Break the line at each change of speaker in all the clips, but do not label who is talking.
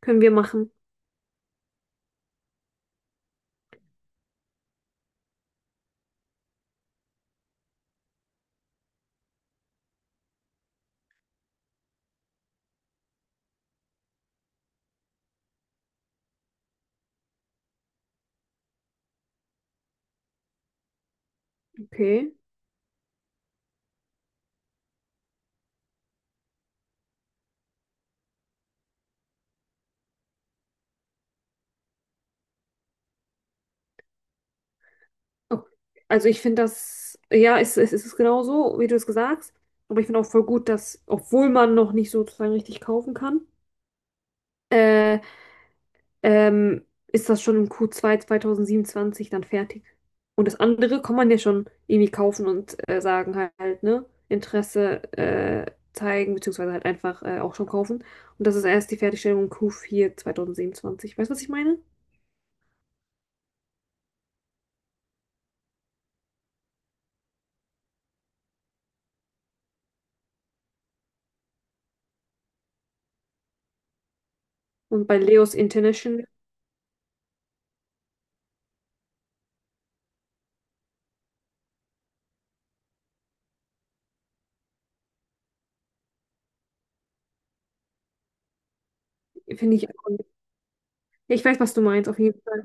Können wir machen. Okay. Ok. Also ich finde das, ja, es ist genau so wie du es gesagt hast. Aber ich finde auch voll gut, dass, obwohl man noch nicht sozusagen richtig kaufen kann, äh, ist das schon im Q2 2027 dann fertig. Und das andere kann man ja schon irgendwie kaufen und sagen halt, ne? Interesse zeigen, beziehungsweise halt einfach auch schon kaufen. Und das ist erst die Fertigstellung im Q4 2027. Weißt du, was ich meine? Und bei Leos International finde ich auch. Ja, ich weiß, was du meinst, auf jeden Fall.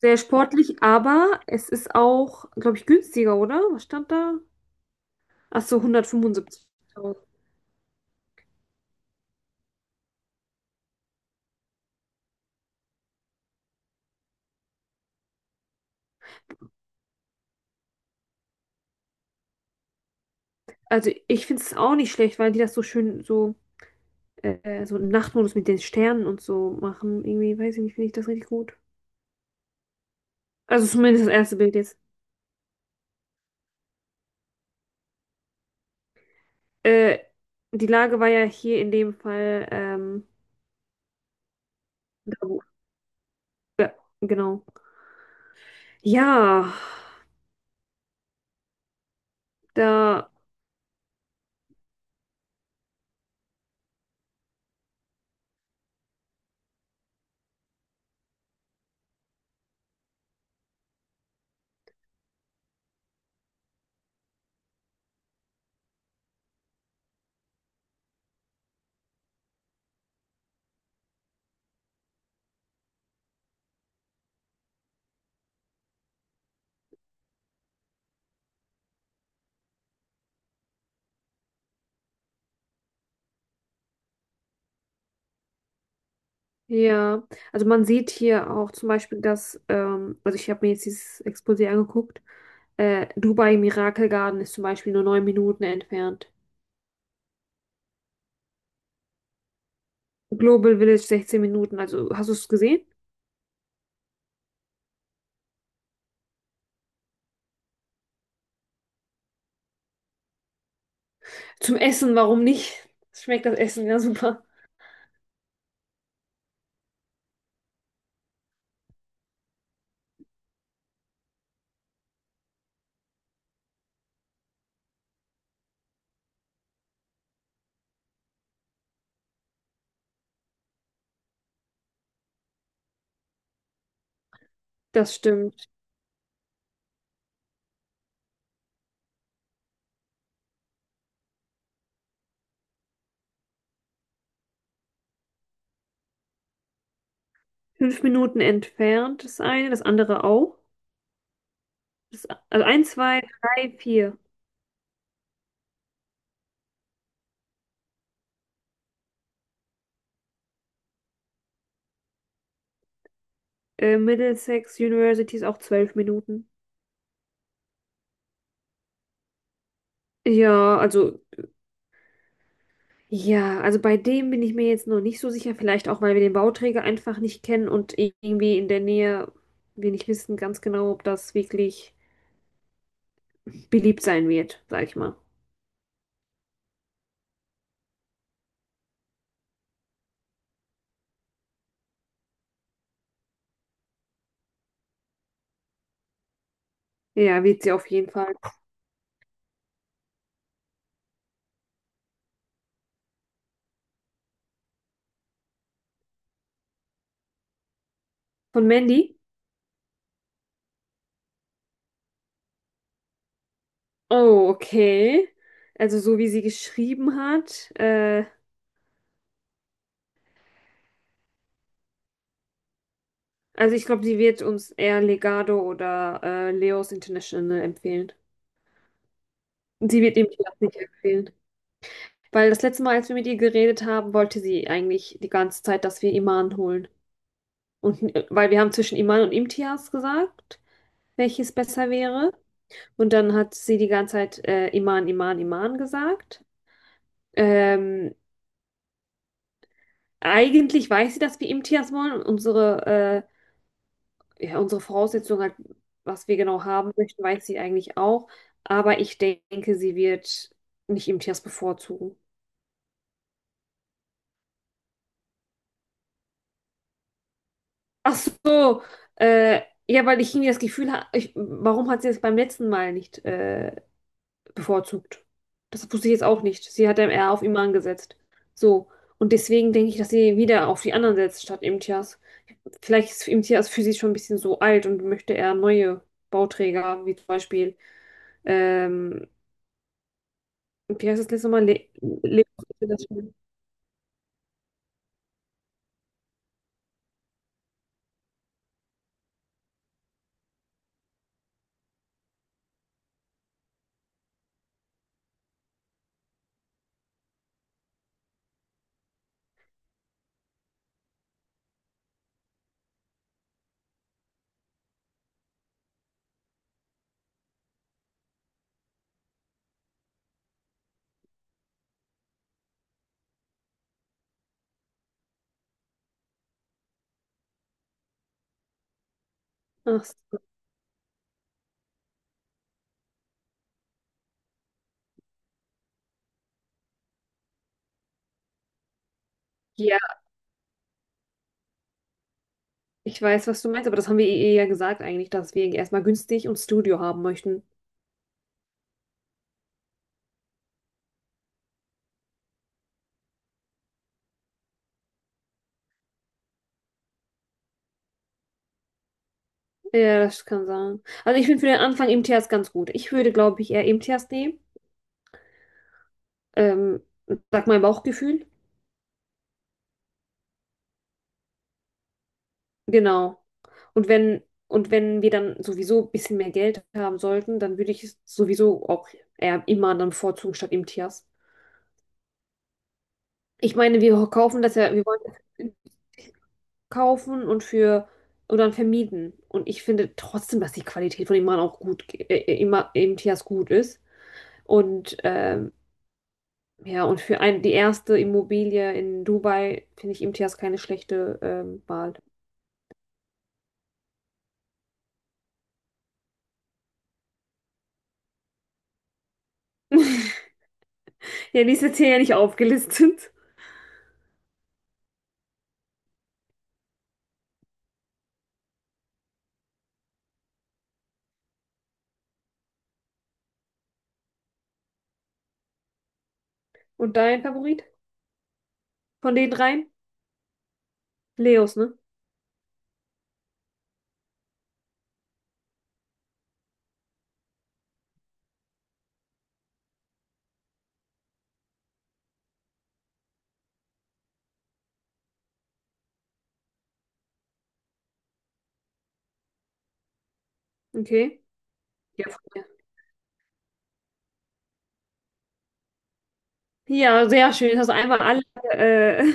Sehr sportlich, aber es ist auch, glaube ich, günstiger, oder? Was stand da? Ach so, 175.000. Also ich finde es auch nicht schlecht, weil die das so schön so, so im Nachtmodus mit den Sternen und so machen. Irgendwie, weiß ich nicht, finde ich das richtig gut. Also zumindest das erste Bild jetzt. Äh, Die Lage war ja hier in dem Fall, da, wo- ja, genau. Ja, da, ja, also man sieht hier auch zum Beispiel, dass, also ich habe mir jetzt dieses Exposé angeguckt, Dubai Miracle Garden ist zum Beispiel nur 9 Minuten entfernt. Global Village 16 Minuten, also hast du es gesehen? Zum Essen, warum nicht? Schmeckt das Essen ja super. Das stimmt. 5 Minuten entfernt das eine, das andere auch. Das, also eins, zwei, drei, vier. Middlesex University ist auch 12 Minuten. Ja, also, ja, also bei dem bin ich mir jetzt noch nicht so sicher. Vielleicht auch, weil wir den Bauträger einfach nicht kennen und irgendwie in der Nähe wir nicht wissen ganz genau, ob das wirklich beliebt sein wird, sag ich mal. Ja, wird sie auf jeden Fall. Von Mandy? Oh, okay. Also so wie sie geschrieben hat. Also ich glaube, sie wird uns eher Legado oder Leos International empfehlen. Sie wird ihm das nicht empfehlen. Weil das letzte Mal, als wir mit ihr geredet haben, wollte sie eigentlich die ganze Zeit, dass wir Iman holen. Und weil wir haben zwischen Iman und Imtiaz gesagt, welches besser wäre. Und dann hat sie die ganze Zeit Iman, Iman, Iman gesagt. Ähm, Eigentlich weiß sie, dass wir Imtiaz wollen. Und unsere Voraussetzung, halt, was wir genau haben möchten, weiß sie eigentlich auch. Aber ich denke, sie wird nicht Imtiaz bevorzugen. Ach so, äh, ja, weil ich irgendwie das Gefühl habe, warum hat sie es beim letzten Mal nicht bevorzugt? Das wusste ich jetzt auch nicht. Sie hat dann eher auf Iman gesetzt. So. Und deswegen denke ich, dass sie wieder auf die anderen setzt, statt Imtiaz. Vielleicht ist Imtiaz für sie schon ein bisschen so alt und möchte eher neue Bauträger, wie zum Beispiel, ähm, wie heißt das letzte Mal? Le Le Das schon? Ach so. Ja, ich weiß, was du meinst, aber das haben wir ihr ja gesagt eigentlich, dass wir erstmal günstig und Studio haben möchten. Ja, das kann sein. Also ich finde für den Anfang MTS ganz gut. Ich würde, glaube ich, eher MTS nehmen. Ähm, Sag mein Bauchgefühl. Genau. Und wenn, und wenn wir dann sowieso ein bisschen mehr Geld haben sollten, dann würde ich es sowieso auch eher immer dann bevorzugen statt MTS. Ich meine, wir kaufen das ja, wir wollen das kaufen und dann vermieten. Und ich finde trotzdem, dass die Qualität von Iman auch gut, immer MTS gut ist. Und ja, und für ein, die erste Immobilie in Dubai finde ich Imtiaz keine schlechte Wahl. Ja, die ist jetzt hier ja nicht aufgelistet. Und dein Favorit von den dreien? Leos, ne? Okay. Ja, von mir. Ja, sehr schön. Das hast du einmal alle, äh,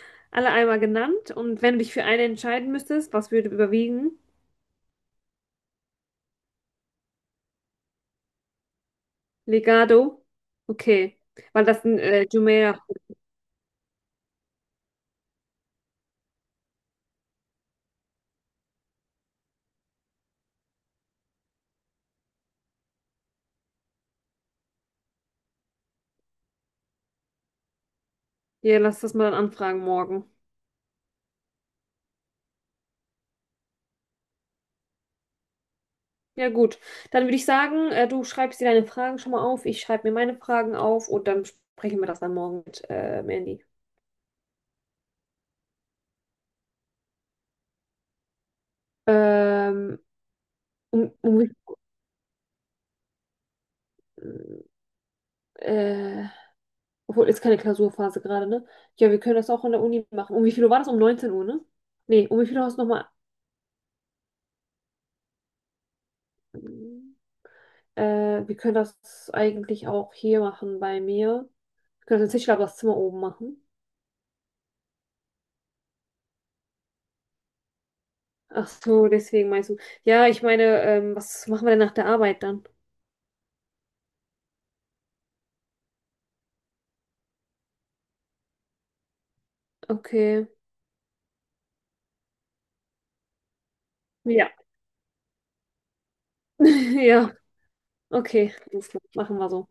alle einmal genannt. Und wenn du dich für eine entscheiden müsstest, was würde überwiegen? Legado? Okay. Weil das ein Jumeirah. Ja, lass das mal anfragen morgen. Ja, gut. Dann würde ich sagen, du schreibst dir deine Fragen schon mal auf, ich schreibe mir meine Fragen auf und dann sprechen wir das dann morgen mit Mandy. Ähm, Um, um, äh, obwohl, ist keine Klausurphase gerade, ne? Ja, wir können das auch an der Uni machen. Um wie viel Uhr war das? Um 19 Uhr, ne? Nee, um wie viel Uhr hast du nochmal? Wir können das eigentlich auch hier machen bei mir. Wir können das in Tischler das Zimmer oben machen. Ach so, deswegen meinst du. Ja, ich meine, was machen wir denn nach der Arbeit dann? Okay. Ja. Ja, okay. Alles klar. Machen wir so.